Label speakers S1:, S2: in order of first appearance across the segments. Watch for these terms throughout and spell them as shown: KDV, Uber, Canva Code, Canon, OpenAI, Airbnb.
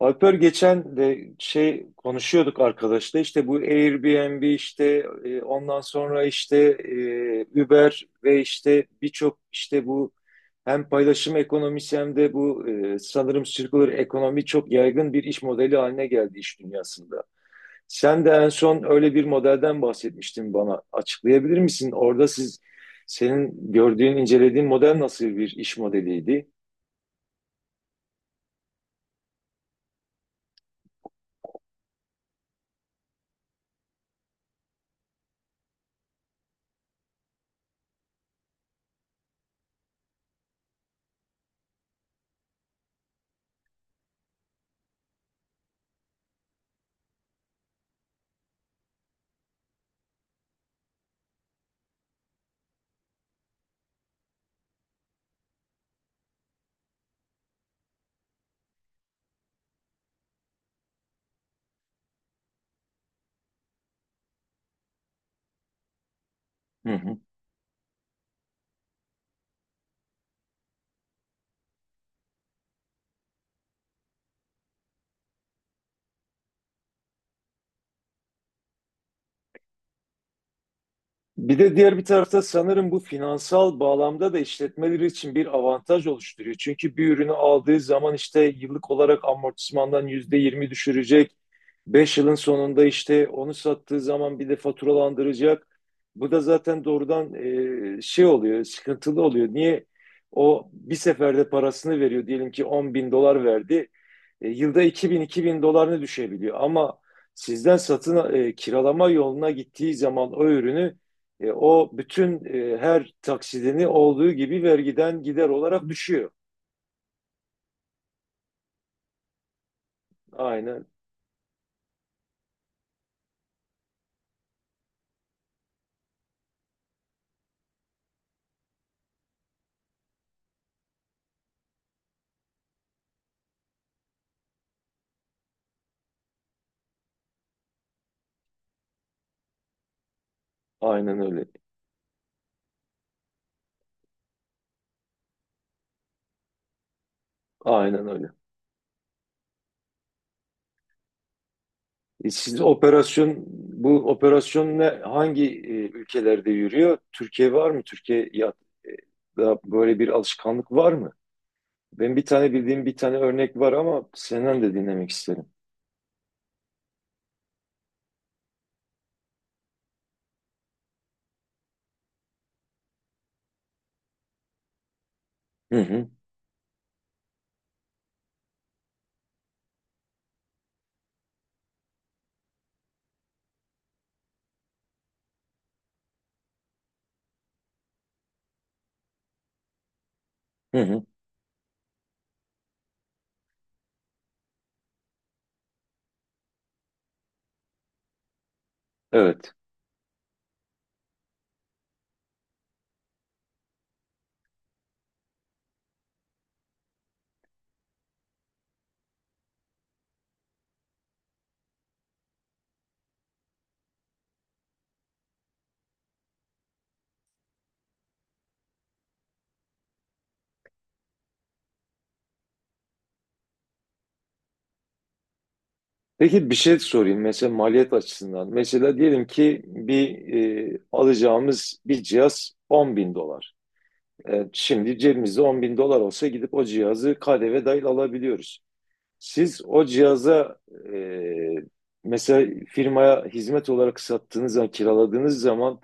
S1: Alper geçen de şey konuşuyorduk arkadaşla işte bu Airbnb işte ondan sonra işte Uber ve işte birçok işte bu hem paylaşım ekonomisi hem de bu sanırım circular ekonomi çok yaygın bir iş modeli haline geldi iş dünyasında. Sen de en son öyle bir modelden bahsetmiştin bana. Açıklayabilir misin? Orada siz senin gördüğün, incelediğin model nasıl bir iş modeliydi? Bir de diğer bir tarafta sanırım bu finansal bağlamda da işletmeleri için bir avantaj oluşturuyor. Çünkü bir ürünü aldığı zaman işte yıllık olarak amortismandan %20 düşürecek. 5 yılın sonunda işte onu sattığı zaman bir de faturalandıracak. Bu da zaten doğrudan şey oluyor, sıkıntılı oluyor. Niye? O bir seferde parasını veriyor. Diyelim ki 10 bin dolar verdi. Yılda 2000 dolarını düşebiliyor. Ama sizden kiralama yoluna gittiği zaman o ürünü o bütün her taksidini olduğu gibi vergiden gider olarak düşüyor. Aynen, aynen öyle. Aynen öyle. E, siz operasyon Bu operasyon hangi ülkelerde yürüyor? Türkiye var mı? Türkiye ya da böyle bir alışkanlık var mı? Ben bir tane bildiğim bir tane örnek var ama senden de dinlemek isterim. Hı hı, hı hı. Evet. Peki bir şey sorayım mesela maliyet açısından. Mesela diyelim ki alacağımız bir cihaz 10 bin dolar. Şimdi cebimizde 10 bin dolar olsa gidip o cihazı KDV dahil alabiliyoruz. Siz o cihaza e, mesela firmaya hizmet olarak sattığınız zaman, kiraladığınız zaman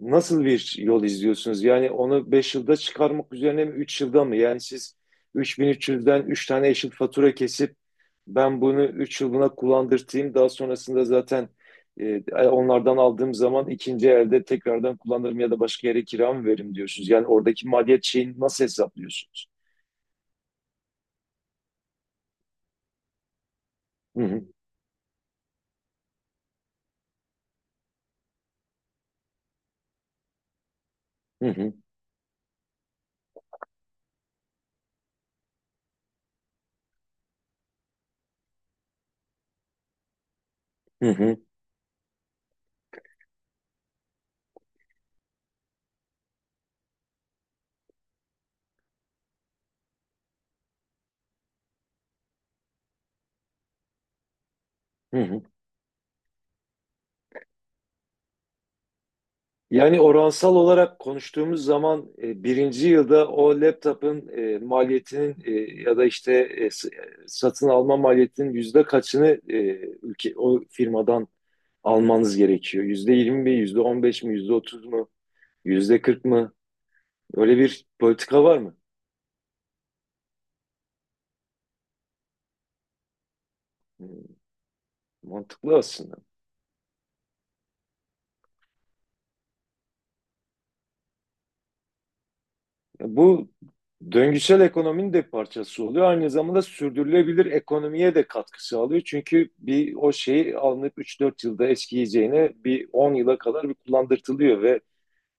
S1: nasıl bir yol izliyorsunuz? Yani onu 5 yılda çıkarmak üzerine mi 3 yılda mı? Yani siz 3300'den üç yüzden üç tane eşit fatura kesip ben bunu 3 yılına kullandırtayım. Daha sonrasında zaten e, onlardan aldığım zaman ikinci elde tekrardan kullanırım ya da başka yere kira mı veririm diyorsunuz. Yani oradaki maliyet şeyini nasıl hesaplıyorsunuz? Hı hı, hı hı, hı hı, hı hı. Yani oransal olarak konuştuğumuz zaman birinci yılda o laptopun maliyetinin ya da işte satın alma maliyetinin yüzde kaçını o firmadan almanız gerekiyor? %20 mi, %15 mi, %30 mu, yüzde kırk mı? Öyle bir politika var mı? Hmm. Mantıklı aslında. Bu döngüsel ekonominin de parçası oluyor. Aynı zamanda sürdürülebilir ekonomiye de katkı sağlıyor. Çünkü bir o şeyi alınıp 3-4 yılda eskiyeceğine bir 10 yıla kadar bir kullandırtılıyor ve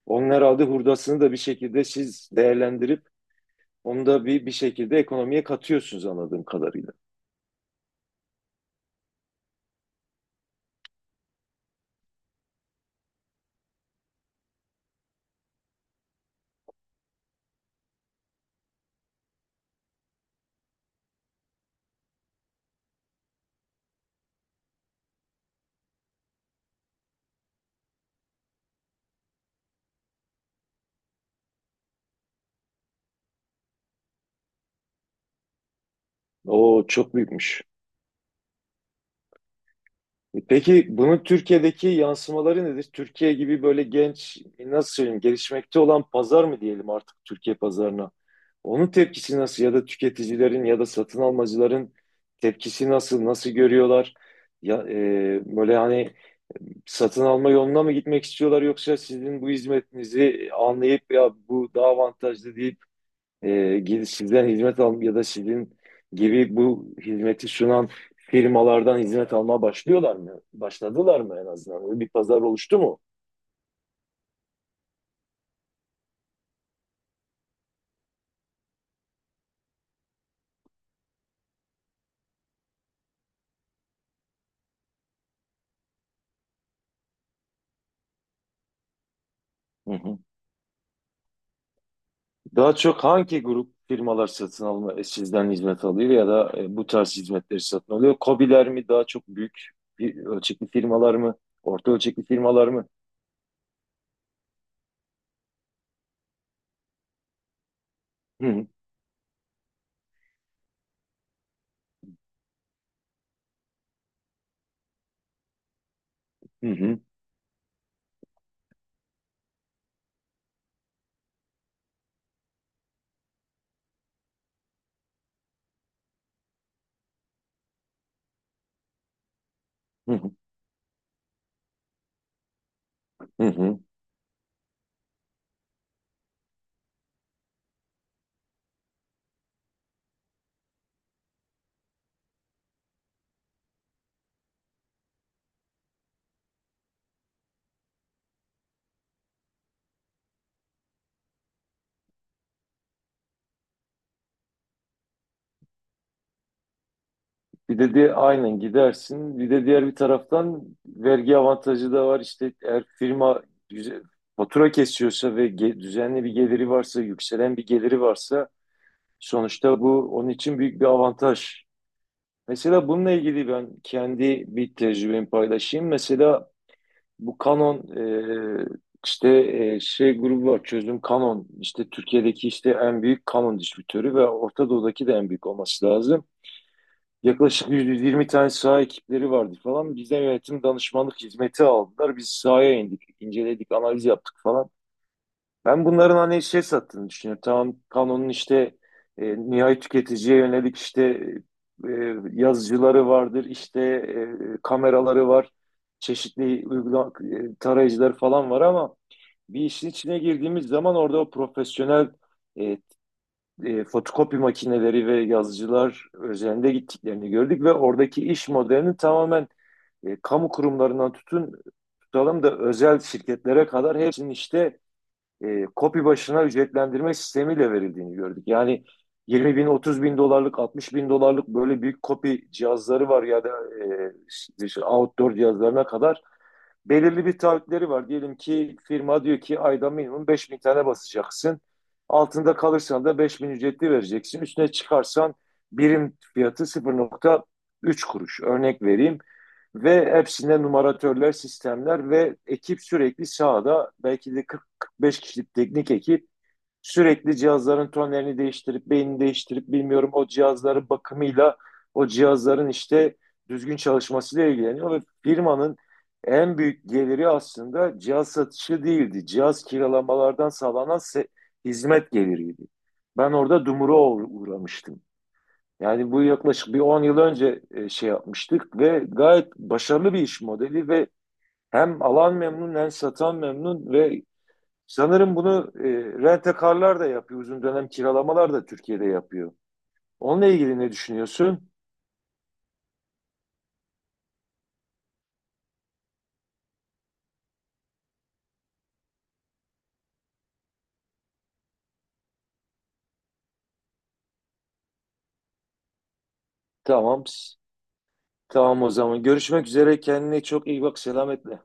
S1: onun herhalde hurdasını da bir şekilde siz değerlendirip onu da bir şekilde ekonomiye katıyorsunuz anladığım kadarıyla. O çok büyükmüş. Peki bunun Türkiye'deki yansımaları nedir? Türkiye gibi böyle genç, nasıl söyleyeyim, gelişmekte olan pazar mı diyelim artık Türkiye pazarına? Onun tepkisi nasıl ya da tüketicilerin ya da satın almacıların tepkisi nasıl görüyorlar? Ya, böyle hani satın alma yoluna mı gitmek istiyorlar yoksa sizin bu hizmetinizi anlayıp ya bu daha avantajlı deyip e, sizden hizmet al ya da sizin gibi bu hizmeti sunan firmalardan hizmet almaya başlıyorlar mı? Başladılar mı en azından? Öyle bir pazar oluştu mu? Hı hı. Daha çok hangi grup firmalar satın alma sizden hizmet alıyor ya da bu tarz hizmetleri satın alıyor? KOBİ'ler mi daha çok büyük bir ölçekli firmalar mı? Orta ölçekli firmalar mı? Hı hı. Hı hı. Hı hı. Hı hı. Bir de aynen gidersin. Bir de diğer bir taraftan vergi avantajı da var. İşte eğer firma güzel, fatura kesiyorsa ve düzenli bir geliri varsa, yükselen bir geliri varsa sonuçta bu onun için büyük bir avantaj. Mesela bununla ilgili ben kendi bir tecrübemi paylaşayım. Mesela bu Canon e, işte şey grubu var çözüm Canon. İşte Türkiye'deki işte en büyük Canon distribütörü ve Orta Doğu'daki de en büyük olması lazım. Yaklaşık 120 tane saha ekipleri vardı falan. Bizden yönetim danışmanlık hizmeti aldılar. Biz sahaya indik, inceledik, analiz yaptık falan. Ben bunların hani şey sattığını düşünüyorum. Tamam, Canon'un işte nihai tüketiciye yönelik işte e, yazıcıları vardır, işte kameraları var, çeşitli tarayıcılar falan var ama bir işin içine girdiğimiz zaman orada o profesyonel e, fotokopi makineleri ve yazıcılar üzerinde gittiklerini gördük ve oradaki iş modelinin tamamen kamu kurumlarından tutalım da özel şirketlere kadar hepsinin işte kopi başına ücretlendirme sistemiyle verildiğini gördük. Yani 20 bin, 30 bin dolarlık, 60 bin dolarlık böyle büyük kopi cihazları var ya da e, işte outdoor cihazlarına kadar belirli bir taahhütleri var. Diyelim ki firma diyor ki ayda minimum 5 bin tane basacaksın. Altında kalırsan da 5 bin ücretli vereceksin. Üstüne çıkarsan birim fiyatı 0,3 kuruş. Örnek vereyim. Ve hepsinde numaratörler, sistemler ve ekip sürekli sahada belki de 40-45 kişilik teknik ekip. Sürekli cihazların tonlerini değiştirip, beynini değiştirip bilmiyorum o cihazların bakımıyla, o cihazların işte düzgün çalışmasıyla ilgileniyor ve firmanın en büyük geliri aslında cihaz satışı değildi. Cihaz kiralamalardan sağlanan hizmet geliriydi. Ben orada dumura uğramıştım. Yani bu yaklaşık bir 10 yıl önce şey yapmıştık ve gayet başarılı bir iş modeli ve hem alan memnun hem satan memnun ve sanırım bunu rent-a-car'lar da yapıyor. Uzun dönem kiralamalar da Türkiye'de yapıyor. Onunla ilgili ne düşünüyorsun? Tamam. Tamam o zaman. Görüşmek üzere. Kendine çok iyi bak. Selametle.